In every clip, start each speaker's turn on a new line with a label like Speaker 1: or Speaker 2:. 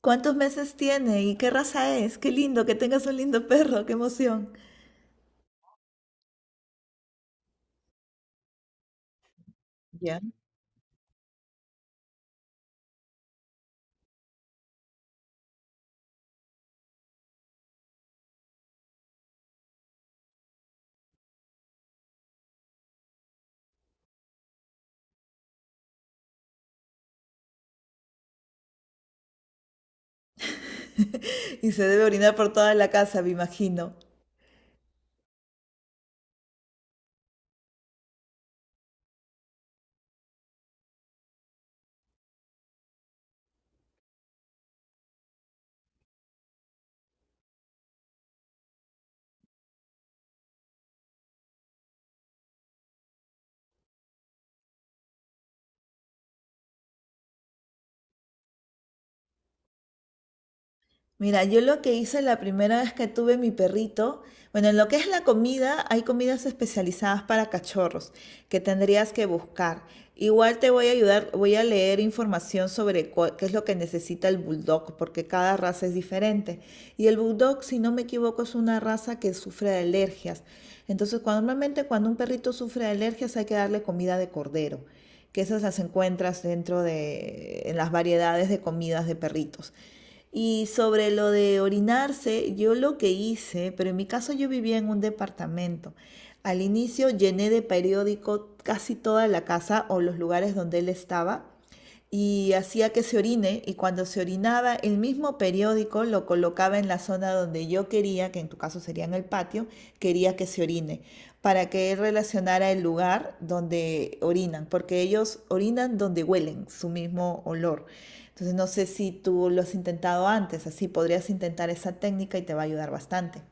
Speaker 1: ¿Cuántos meses tiene y qué raza es? Qué lindo que tengas un lindo perro, qué emoción. Ya. Y se debe orinar por toda la casa, me imagino. Mira, yo lo que hice la primera vez que tuve mi perrito, bueno, en lo que es la comida, hay comidas especializadas para cachorros que tendrías que buscar. Igual te voy a ayudar, voy a leer información sobre qué es lo que necesita el bulldog, porque cada raza es diferente. Y el bulldog, si no me equivoco, es una raza que sufre de alergias. Entonces, normalmente cuando un perrito sufre de alergias hay que darle comida de cordero, que esas las encuentras en las variedades de comidas de perritos. Y sobre lo de orinarse, yo lo que hice, pero en mi caso yo vivía en un departamento. Al inicio llené de periódico casi toda la casa o los lugares donde él estaba y hacía que se orine y cuando se orinaba el mismo periódico lo colocaba en la zona donde yo quería, que en tu caso sería en el patio, quería que se orine, para que él relacionara el lugar donde orinan, porque ellos orinan donde huelen, su mismo olor. Entonces no sé si tú lo has intentado antes, así podrías intentar esa técnica y te va a ayudar bastante.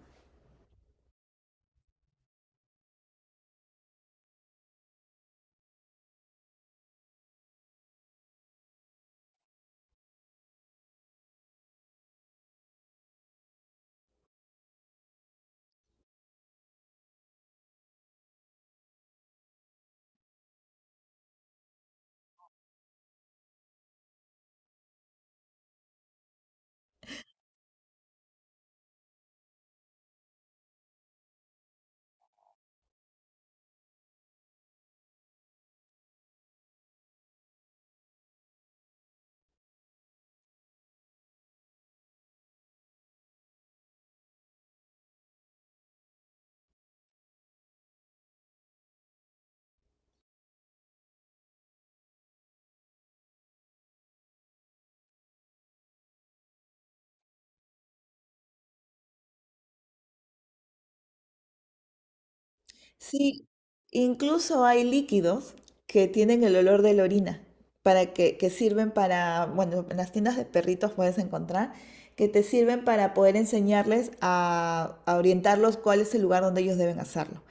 Speaker 1: Sí, incluso hay líquidos que tienen el olor de la orina, que sirven para, bueno, en las tiendas de perritos puedes encontrar, que te sirven para poder enseñarles a orientarlos cuál es el lugar donde ellos deben hacerlo.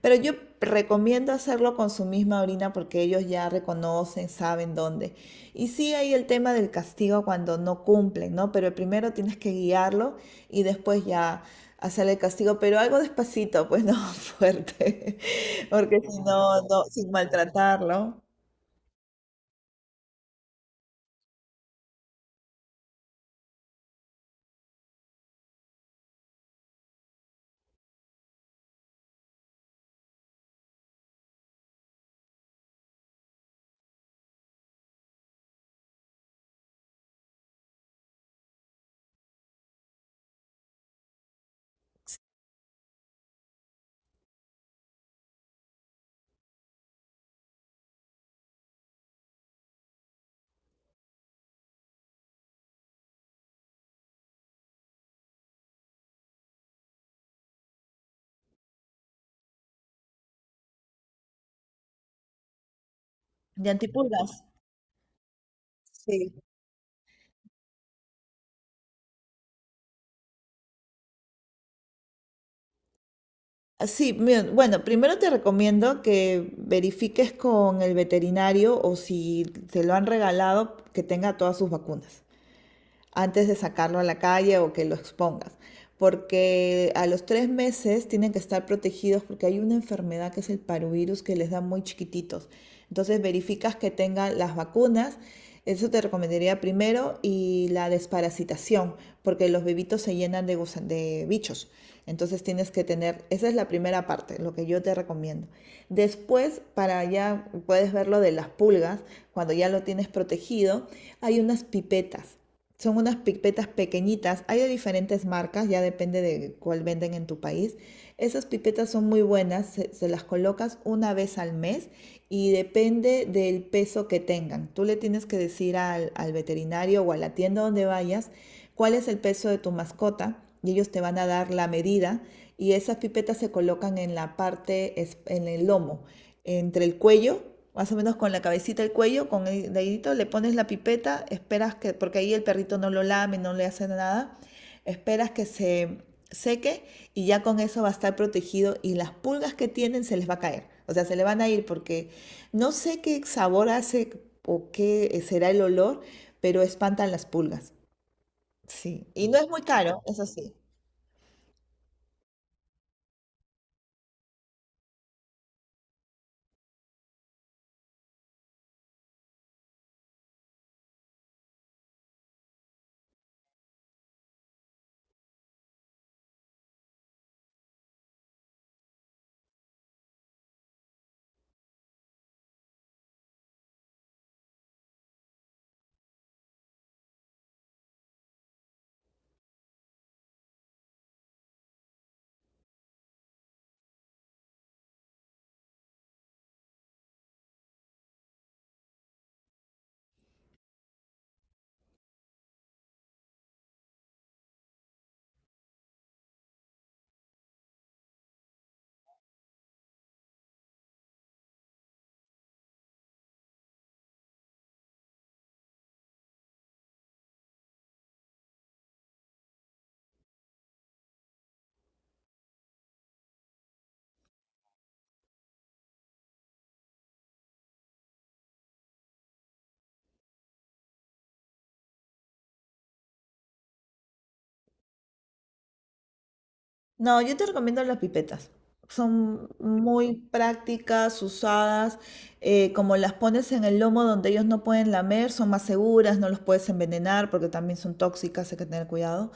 Speaker 1: Pero yo recomiendo hacerlo con su misma orina porque ellos ya reconocen, saben dónde. Y sí hay el tema del castigo cuando no cumplen, ¿no? Pero primero tienes que guiarlo y después ya hacer el castigo, pero algo despacito, pues no fuerte, porque si no, no, sin maltratarlo. De antipulgas. Sí. Así, bien, bueno, primero te recomiendo que verifiques con el veterinario o si te lo han regalado, que tenga todas sus vacunas. Antes de sacarlo a la calle o que lo expongas. Porque a los 3 meses tienen que estar protegidos porque hay una enfermedad que es el parvovirus que les da muy chiquititos. Entonces verificas que tengan las vacunas. Eso te recomendaría primero y la desparasitación, porque los bebitos se llenan de bichos. Entonces tienes que tener, esa es la primera parte, lo que yo te recomiendo. Después, para ya puedes ver lo de las pulgas, cuando ya lo tienes protegido, hay unas pipetas son unas pipetas pequeñitas, hay de diferentes marcas, ya depende de cuál venden en tu país. Esas pipetas son muy buenas, se las colocas una vez al mes y depende del peso que tengan. Tú le tienes que decir al veterinario o a la tienda donde vayas cuál es el peso de tu mascota y ellos te van a dar la medida y esas pipetas se colocan en la parte, en el lomo, entre el cuello más o menos con la cabecita el cuello, con el dedito, le pones la pipeta, esperas que, porque ahí el perrito no lo lame, no le hace nada, esperas que se seque y ya con eso va a estar protegido y las pulgas que tienen se les va a caer, o sea, se le van a ir porque no sé qué sabor hace o qué será el olor, pero espantan las pulgas. Sí, y no es muy caro, eso sí. No, yo te recomiendo las pipetas. Son muy prácticas, usadas, como las pones en el lomo donde ellos no pueden lamer, son más seguras, no los puedes envenenar porque también son tóxicas, hay que tener cuidado,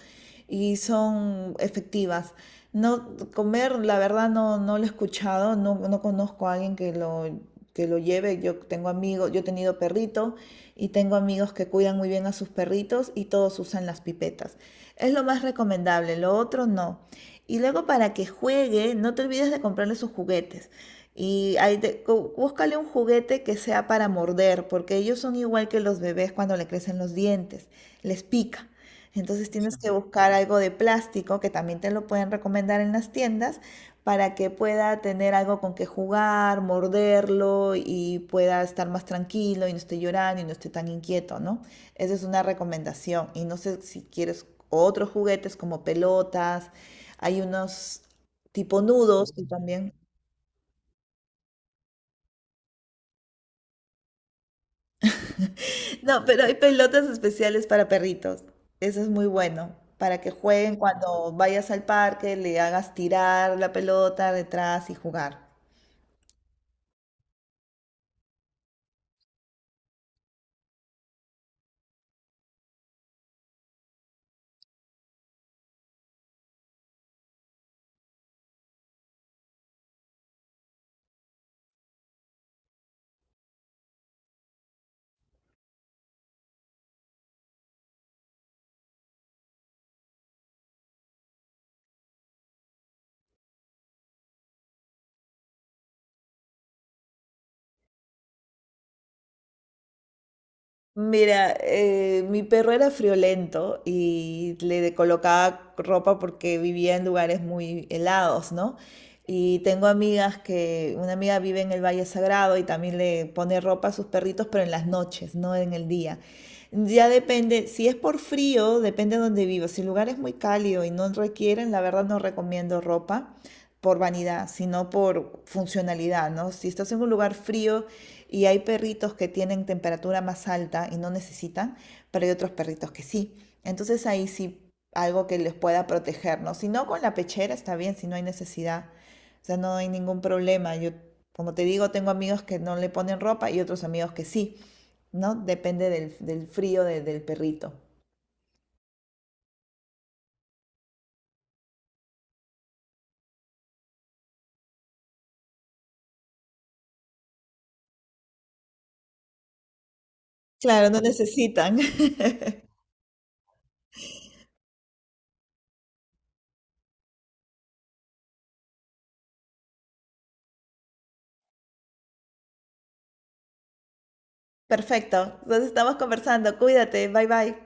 Speaker 1: y son efectivas. No, comer, la verdad, no, no lo he escuchado, no, no conozco a alguien que lo lleve. Yo tengo amigos, yo he tenido perrito y tengo amigos que cuidan muy bien a sus perritos y todos usan las pipetas. Es lo más recomendable, lo otro no. Y luego para que juegue, no te olvides de comprarle sus juguetes. Y ahí búscale un juguete que sea para morder, porque ellos son igual que los bebés cuando le crecen los dientes, les pica. Entonces tienes que buscar algo de plástico, que también te lo pueden recomendar en las tiendas, para que pueda tener algo con que jugar, morderlo y pueda estar más tranquilo y no esté llorando y no esté tan inquieto, ¿no? Esa es una recomendación. Y no sé si quieres otros juguetes como pelotas hay unos tipo nudos que también. No, pero hay pelotas especiales para perritos. Eso es muy bueno. Para que jueguen cuando vayas al parque, le hagas tirar la pelota detrás y jugar. Mira, mi perro era friolento y colocaba ropa porque vivía en lugares muy helados, ¿no? Y tengo amigas que, una amiga vive en el Valle Sagrado y también le pone ropa a sus perritos, pero en las noches, no en el día. Ya depende, si es por frío, depende de donde vivo. Si el lugar es muy cálido y no requieren, la verdad no recomiendo ropa por vanidad, sino por funcionalidad, ¿no? Si estás en un lugar frío y hay perritos que tienen temperatura más alta y no necesitan, pero hay otros perritos que sí. Entonces ahí sí algo que les pueda proteger, ¿no? Si no con la pechera está bien, si no hay necesidad, o sea, no hay ningún problema. Yo, como te digo, tengo amigos que no le ponen ropa y otros amigos que sí, ¿no? Depende del frío del perrito. Claro, no necesitan. Perfecto, entonces estamos conversando. Cuídate, bye bye.